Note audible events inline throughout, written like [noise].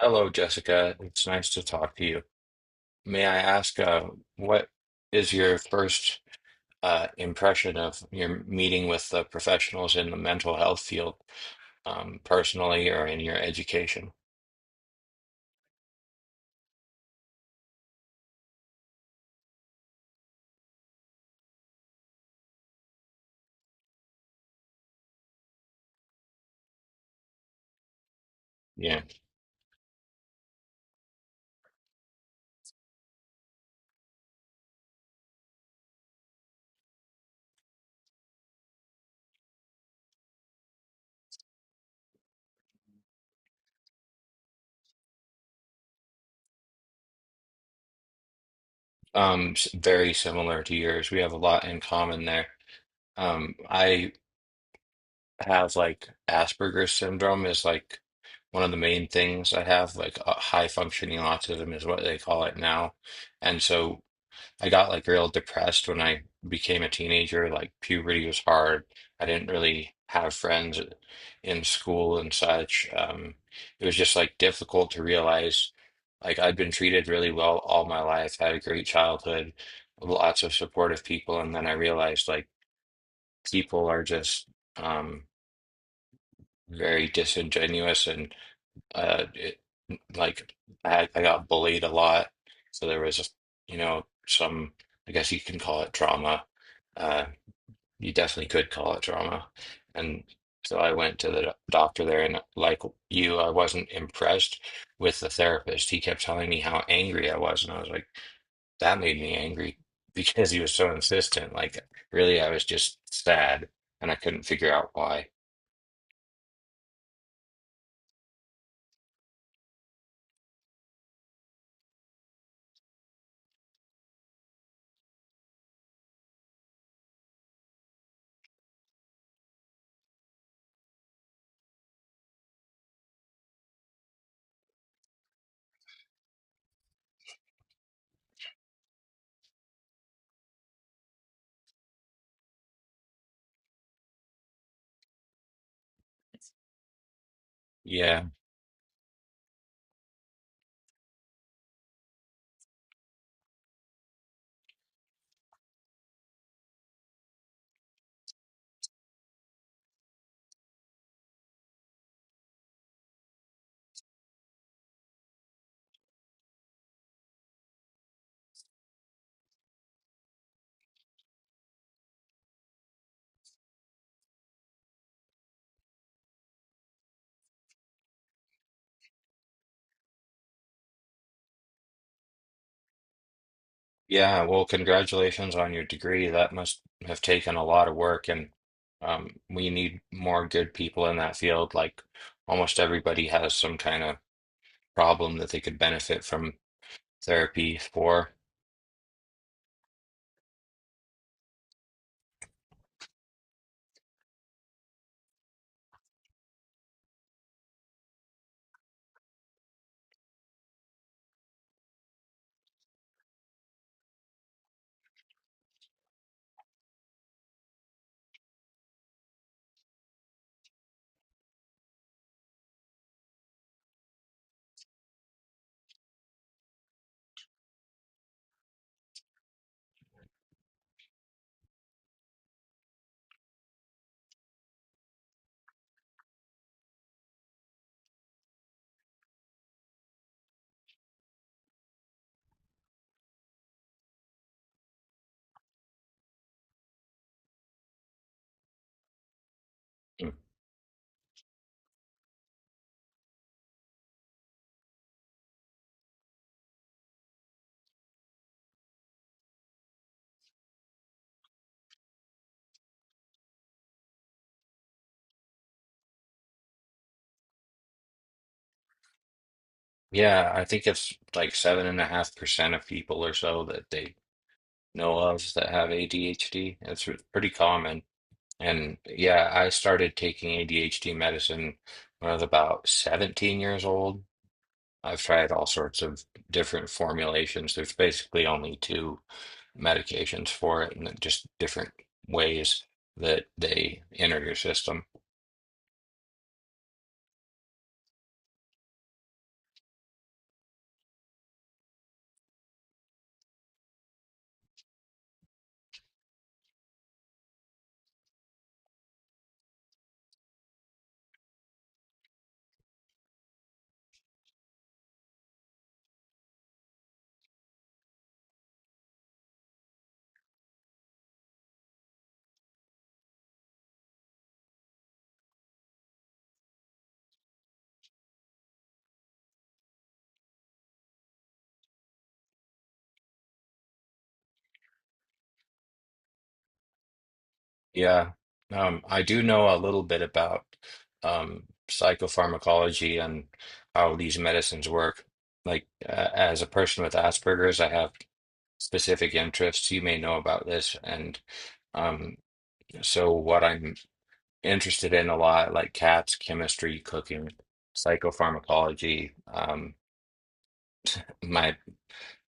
Hello, Jessica. It's nice to talk to you. May I ask, what is your first impression of your meeting with the professionals in the mental health field, personally or in your education? Yeah, very similar to yours. We have a lot in common there. I have like Asperger's syndrome is like one of the main things I have. Like high functioning autism is what they call it now, and so. I got like real depressed when I became a teenager. Like puberty was hard. I didn't really have friends in school and such. It was just like difficult to realize like I'd been treated really well all my life. Had a great childhood, lots of supportive people, and then I realized like people are just um very disingenuous and it like I got bullied a lot, so there was, you know, some, I guess you can call it trauma, uh you definitely could call it trauma. And so I went to the doctor there, and like you I wasn't impressed with the therapist. He kept telling me how angry I was, and I was like, that made me angry [laughs] because he was so insistent. Like really I was just sad and I couldn't figure out why. Yeah. Yeah, well, congratulations on your degree. That must have taken a lot of work, and we need more good people in that field. Like almost everybody has some kind of problem that they could benefit from therapy for. Mm. Yeah, I think it's like 7.5% of people or so that they know of that have ADHD. It's pretty common. And yeah, I started taking ADHD medicine when I was about 17 years old. I've tried all sorts of different formulations. There's basically only two medications for it, and just different ways that they enter your system. Yeah. I do know a little bit about psychopharmacology and how these medicines work. Like, as a person with Asperger's, I have specific interests. You may know about this. And um, so, what I'm interested in a lot, like cats, chemistry, cooking, psychopharmacology. My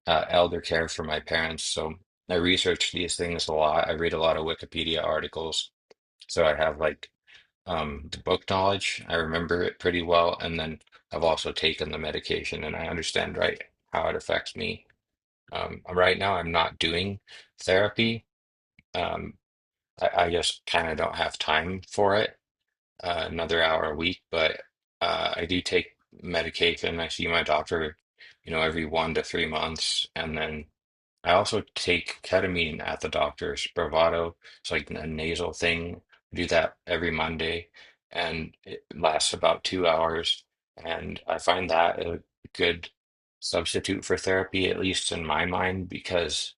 elder care for my parents, so I research these things a lot. I read a lot of Wikipedia articles, so I have like the book knowledge. I remember it pretty well, and then I've also taken the medication, and I understand right how it affects me. Right now, I'm not doing therapy. Um, I just kind of don't have time for it, another hour a week, but I do take medication. I see my doctor, you know, every 1 to 3 months, and then I also take ketamine at the doctor's. Spravato, it's like a nasal thing. I do that every Monday, and it lasts about 2 hours. And I find that a good substitute for therapy, at least in my mind, because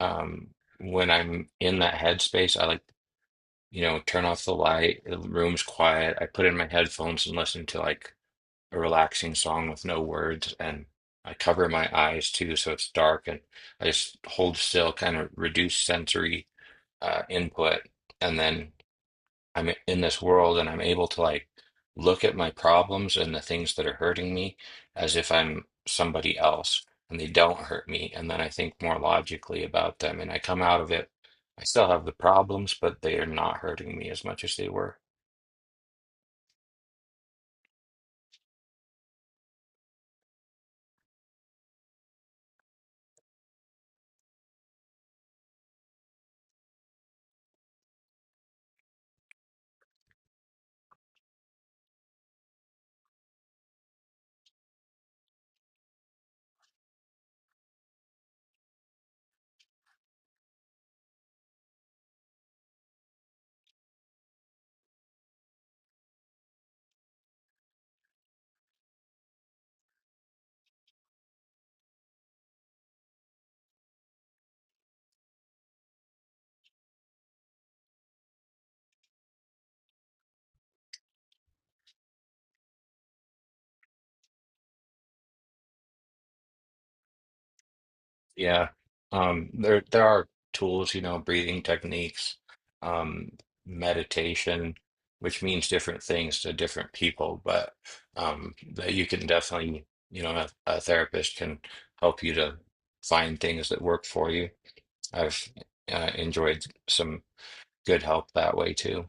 um, when I'm in that headspace, I like, you know, turn off the light, the room's quiet. I put in my headphones and listen to like a relaxing song with no words, and I cover my eyes too, so it's dark, and I just hold still, kind of reduce sensory input, and then. I'm in this world and I'm able to like look at my problems and the things that are hurting me as if I'm somebody else and they don't hurt me. And then I think more logically about them and I come out of it. I still have the problems, but they are not hurting me as much as they were. Yeah. There are tools, you know, breathing techniques, um, meditation, which means different things to different people, but that you can definitely, you know, a therapist can help you to find things that work for you. I've enjoyed some good help that way too.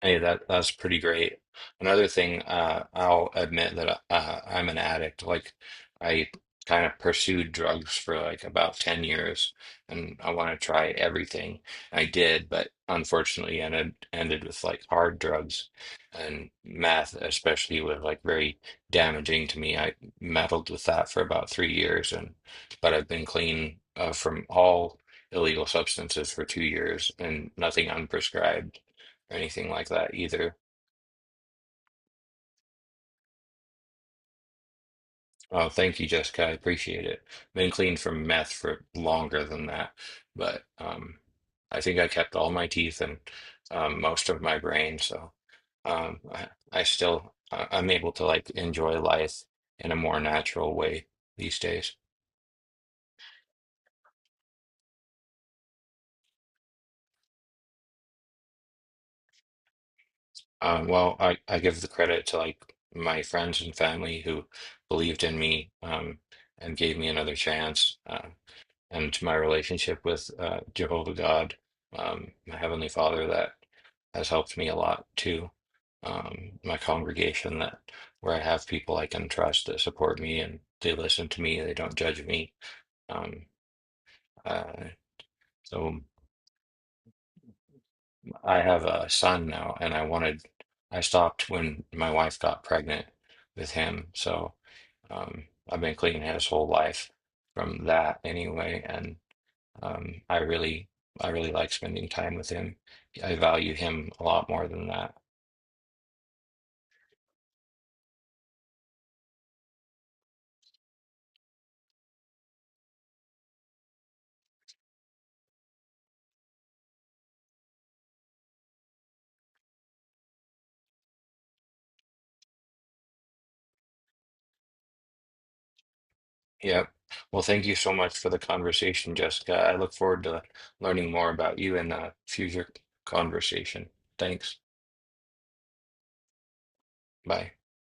Hey, that's pretty great. Another thing, I'll admit that I'm an addict. Like, I kind of pursued drugs for like about 10 years, and I want to try everything. I did, but unfortunately, ended with like hard drugs, and meth especially was like very damaging to me. I meddled with that for about 3 years, and but I've been clean from all illegal substances for 2 years and nothing unprescribed or anything like that either. Oh, thank you, Jessica. I appreciate it. Been clean from meth for longer than that, but I think I kept all my teeth and most of my brain, so I'm able to like enjoy life in a more natural way these days. Well, I give the credit to like my friends and family who believed in me, and gave me another chance. To my relationship with Jehovah God, my Heavenly Father, that has helped me a lot too. My congregation that where I have people I can trust that support me and they listen to me, they don't judge me. Um, uh, so I have a son now, and I wanted, I stopped when my wife got pregnant with him, so um, I've been clean his whole life from that anyway, and. Um, I really, I really like spending time with him. I value him a lot more than that. Yep. Well, thank you so much for the conversation, Jessica. I look forward to learning more about you in a future conversation. Thanks. Bye.